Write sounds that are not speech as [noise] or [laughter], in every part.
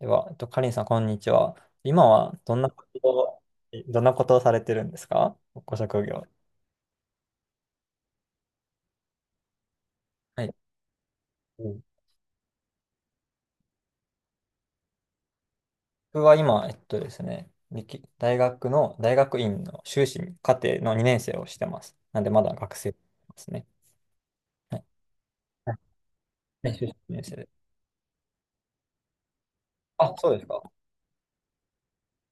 では、カリンさん、こんにちは。今はどんなことをされてるんですか？ご職業。はい。うん。僕は今、えっとですね、歴大学の、大学院の修士課程の2年生をしてます。なんで、まだ学生ですね。はい。はい、はい、修士2年生で。あ、そうですか。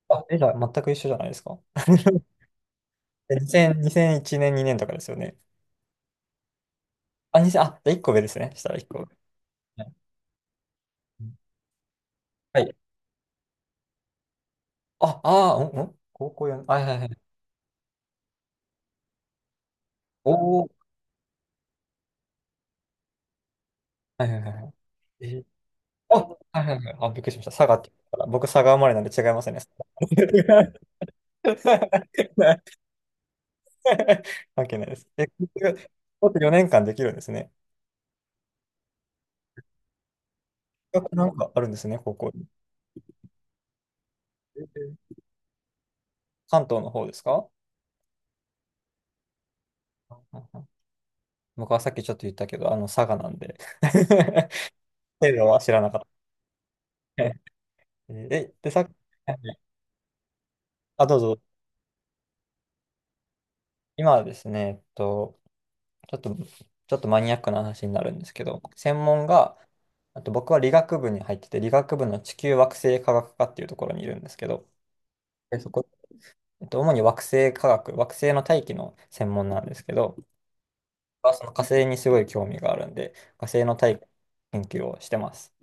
あ、じゃあ、全く一緒じゃないですか。[laughs] 2000、2001年、2年とかですよね？あ、2000、あ、じゃあ1個上ですね。したら1個上。はい。はい、あ、あー、うん、うん、高校4、あ、はい、はい、はい。おお、はい、はい、はい、はい。えあ、はい、はい、はい。あ、びっくりしました。佐賀って言ったから。僕、佐賀生まれなんで違いますね。[laughs] 関係ないです。もと4年間できるんですね。なんかあるんですね、高校に。えー。関東の方ですか？うん、うん、うん。僕はさっきちょっと言ったけど、佐賀なんで。[laughs] 程度は知らなかった。で、さっき。あ、どうぞ。今はですね、ちょっと、ちょっとマニアックな話になるんですけど、専門が、あと僕は理学部に入ってて、理学部の地球惑星科学科っていうところにいるんですけど、でそこ、主に惑星科学、惑星の大気の専門なんですけど、僕はその火星にすごい興味があるんで、火星の大気研究をしてます。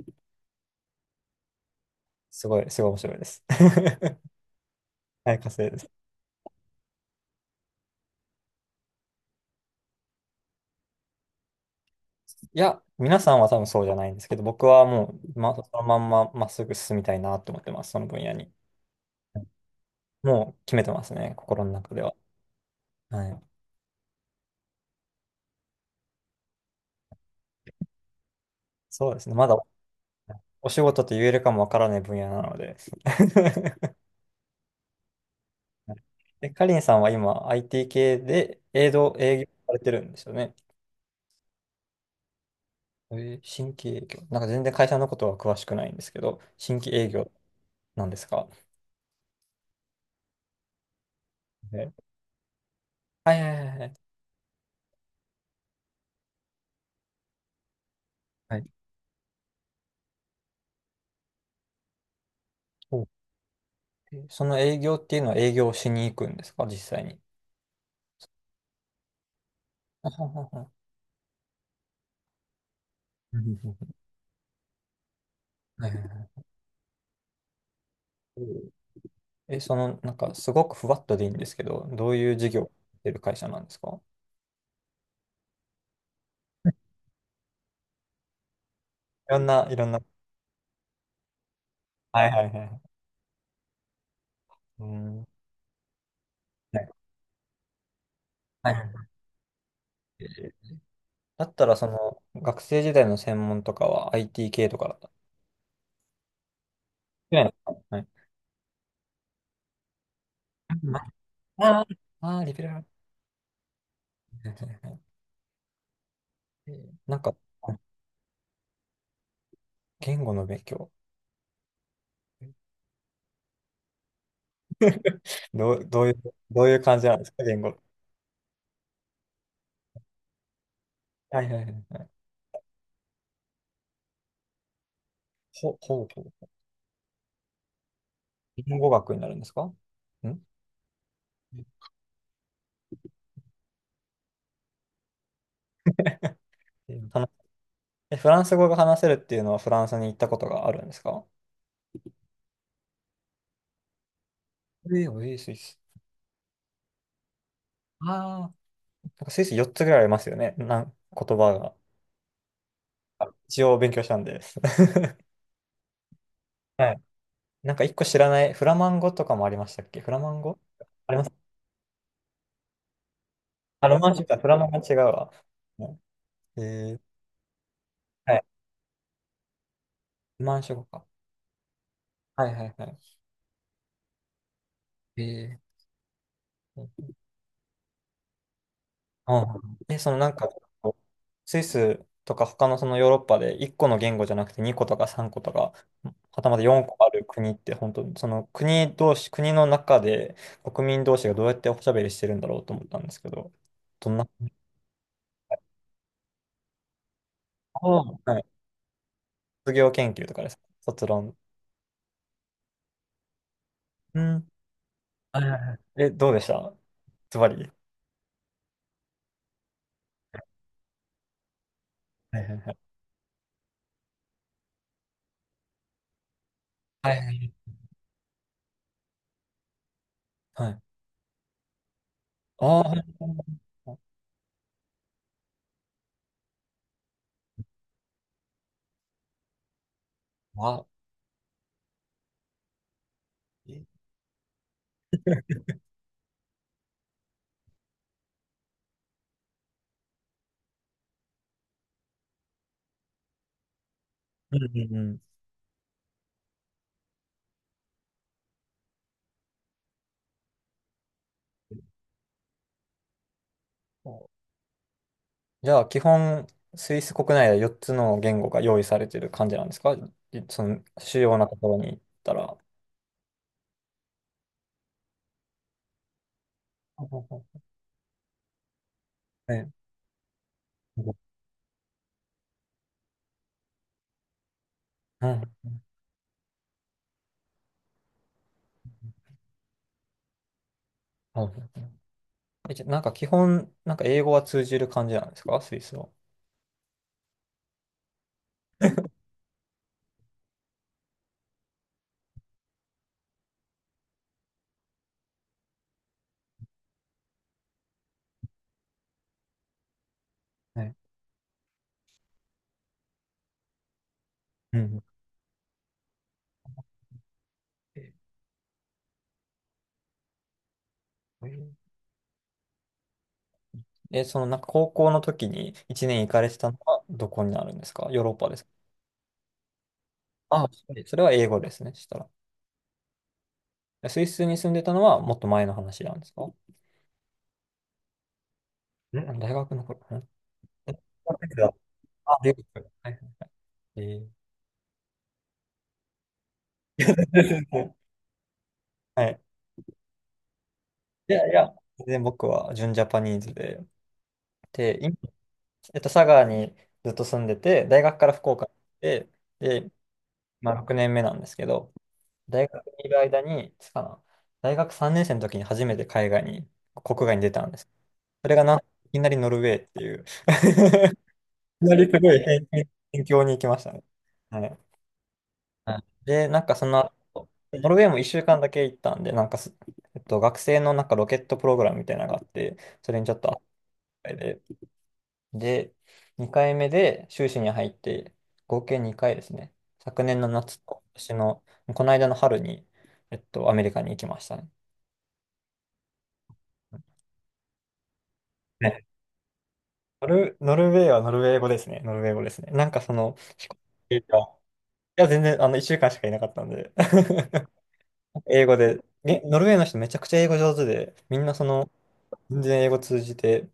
すごい、すごい面白いです。[laughs] はい、火星です。いや、皆さんは多分そうじゃないんですけど、僕はもう、そのまんままっすぐ進みたいなと思ってます、その分野に。もう決めてますね、心の中では。はい。そうですね。まだお仕事と言えるかもわからない分野なので。[laughs] かりんさんは今 IT 系で営業されてるんですよね？えー、新規営業。なんか全然会社のことは詳しくないんですけど、新規営業なんですか？ね、はい、はい、はい、はい。はい、お、その営業っていうのは営業しに行くんですか、実際に？あはは。はうん。 [laughs] はい、はい、はい。その、なんかすごくふわっとでいいんですけど、どういう事業をやってる会社なんですか？いろんな、いろんな。はい、はい、はい。うん。はい、はい、はい。だったら、学生時代の専門とかは IT 系とかだった。はい、はい。ああー、リベラル。はい、はい、はい。なんか、言語の勉強。どう、どういう、どういう感じなんですか、言語？はい、はい、はい。ほうほう。言語学になるんですか？んえー話えフランス語が話せるっていうのはフランスに行ったことがあるんですか？ええー、えー、スイス。ああ。なんかスイス4つぐらいありますよね。なん、言葉が。あ、一応勉強したんで。[laughs] はい。なんか一個知らない。フラマンゴとかもありましたっけ？フラマンゴ、あります？あ、ロマンシュか。フラマンゴは違うわ。はい。はい。ロマンシュ語か。はい、はい、はい。えー、うん。その、なんか、スイスとか他のそのヨーロッパで1個の言語じゃなくて2個とか3個とか、はたまた4個ある国って本当にその国同士、国の中で国民同士がどうやっておしゃべりしてるんだろうと思ったんですけど、どんな、ああ、はい。卒業研究とかですか？卒論。うん。はい、はい、はい。どうでした？ズバリ。はい、はい、はい。はい、はい、はい。ああ、はい、はい、はい、あ、えうん、うん、うん。そう。じゃあ、基本、スイス国内で4つの言語が用意されてる感じなんですか？その、主要なところに行ったら。ほうほう、ほう、ね、うん。はい。じゃあなんか基本、なんか英語は通じる感じなんですか？スイスは。ね、うん、ええ。その、なんか高校の時に1年行かれてたのはどこになるんですか？ヨーロッパですああ、それは英語ですね、したら。スイスに住んでたのはもっと前の話なんですか？ん、大学の頃。ん、え大学だ、あ、留学、はい、えー [laughs] はい。いやいや、全然僕は純ジャパニーズで、で、今、佐賀にずっと住んでて、大学から福岡に行って、で、まあ、6年目なんですけど、大学にいる間に、いつかな、大学3年生の時に初めて海外に、国外に出たんです。それが、いきなりノルウェーっていう。 [laughs] いきなりすごい辺境に行きましたね。はい。はい。で、なんかその後、ノルウェーも1週間だけ行ったんで、なんかす、学生のなんかロケットプログラムみたいなのがあって、それにちょっと後悔で、で、で2回目で修士に入って、合計2回ですね。昨年の夏と今年の、この間の春に、アメリカに行きましたね。ね、ノルウェーはノルウェー語ですね。ノルウェー語ですね。なんかその、飛行機が、いや、全然、1週間しかいなかったんで。[laughs] 英語で、ノルウェーの人めちゃくちゃ英語上手で、みんな全然英語通じて、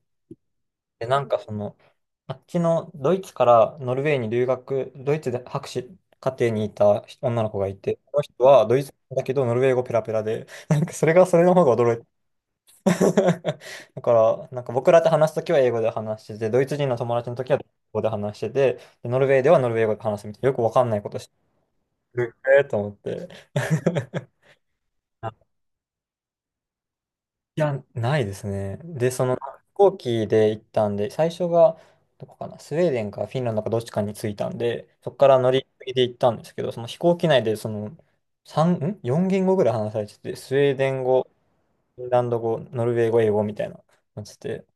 で、なんかあっちのドイツからノルウェーに留学、ドイツで博士課程にいた女の子がいて、その人はドイツだけどノルウェー語ペラペラで、なんかそれが、それの方が驚いた。[laughs] だから、なんか僕らと話すときは英語で話してて、ドイツ人の友達のときはドイツ語で話してて、でノルウェーではノルウェー語で話すみたいな、よくわかんないことしてる、えーと思って。[laughs] いや、ないですね。で、その飛行機で行ったんで、最初がどこかな、スウェーデンかフィンランドかどっちかに着いたんで、そこから乗り継ぎで行ったんですけど、その飛行機内で、その3、ん？ 4 言語ぐらい話されてて、スウェーデン語、フィンランド語、ノルウェー語、英語みたいなのしてて、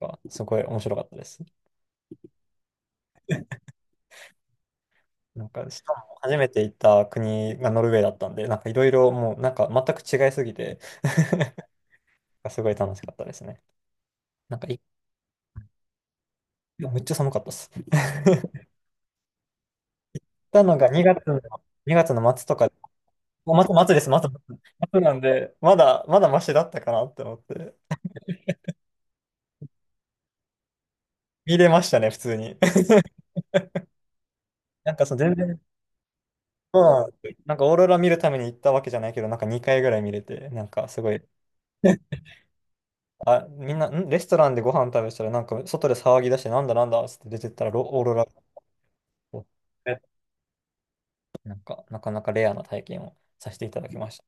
なんかすごい面白かったです。なんか、しかも初めて行った国がノルウェーだったんで、なんかいろいろもうなんか全く違いすぎて。 [laughs] すごい楽しかったですね。なんかめっちゃ寒かったです。たのが2月の、2月の末とか、お、末、末です、末、末、末なんで、まだ、まだマシだったかなって思って、見れましたね、普通に。[laughs] なんかその全然、そうなんですよ。なんかオーロラ見るために行ったわけじゃないけど、なんか2回ぐらい見れて、なんかすごい、あ、みんな、レストランでご飯食べてたら、なんか外で騒ぎ出して、なんだなんだっつって出てったら、オーロラが、なんか、なかなかレアな体験をさせていただきました。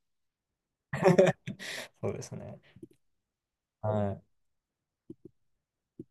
そうですね。はい。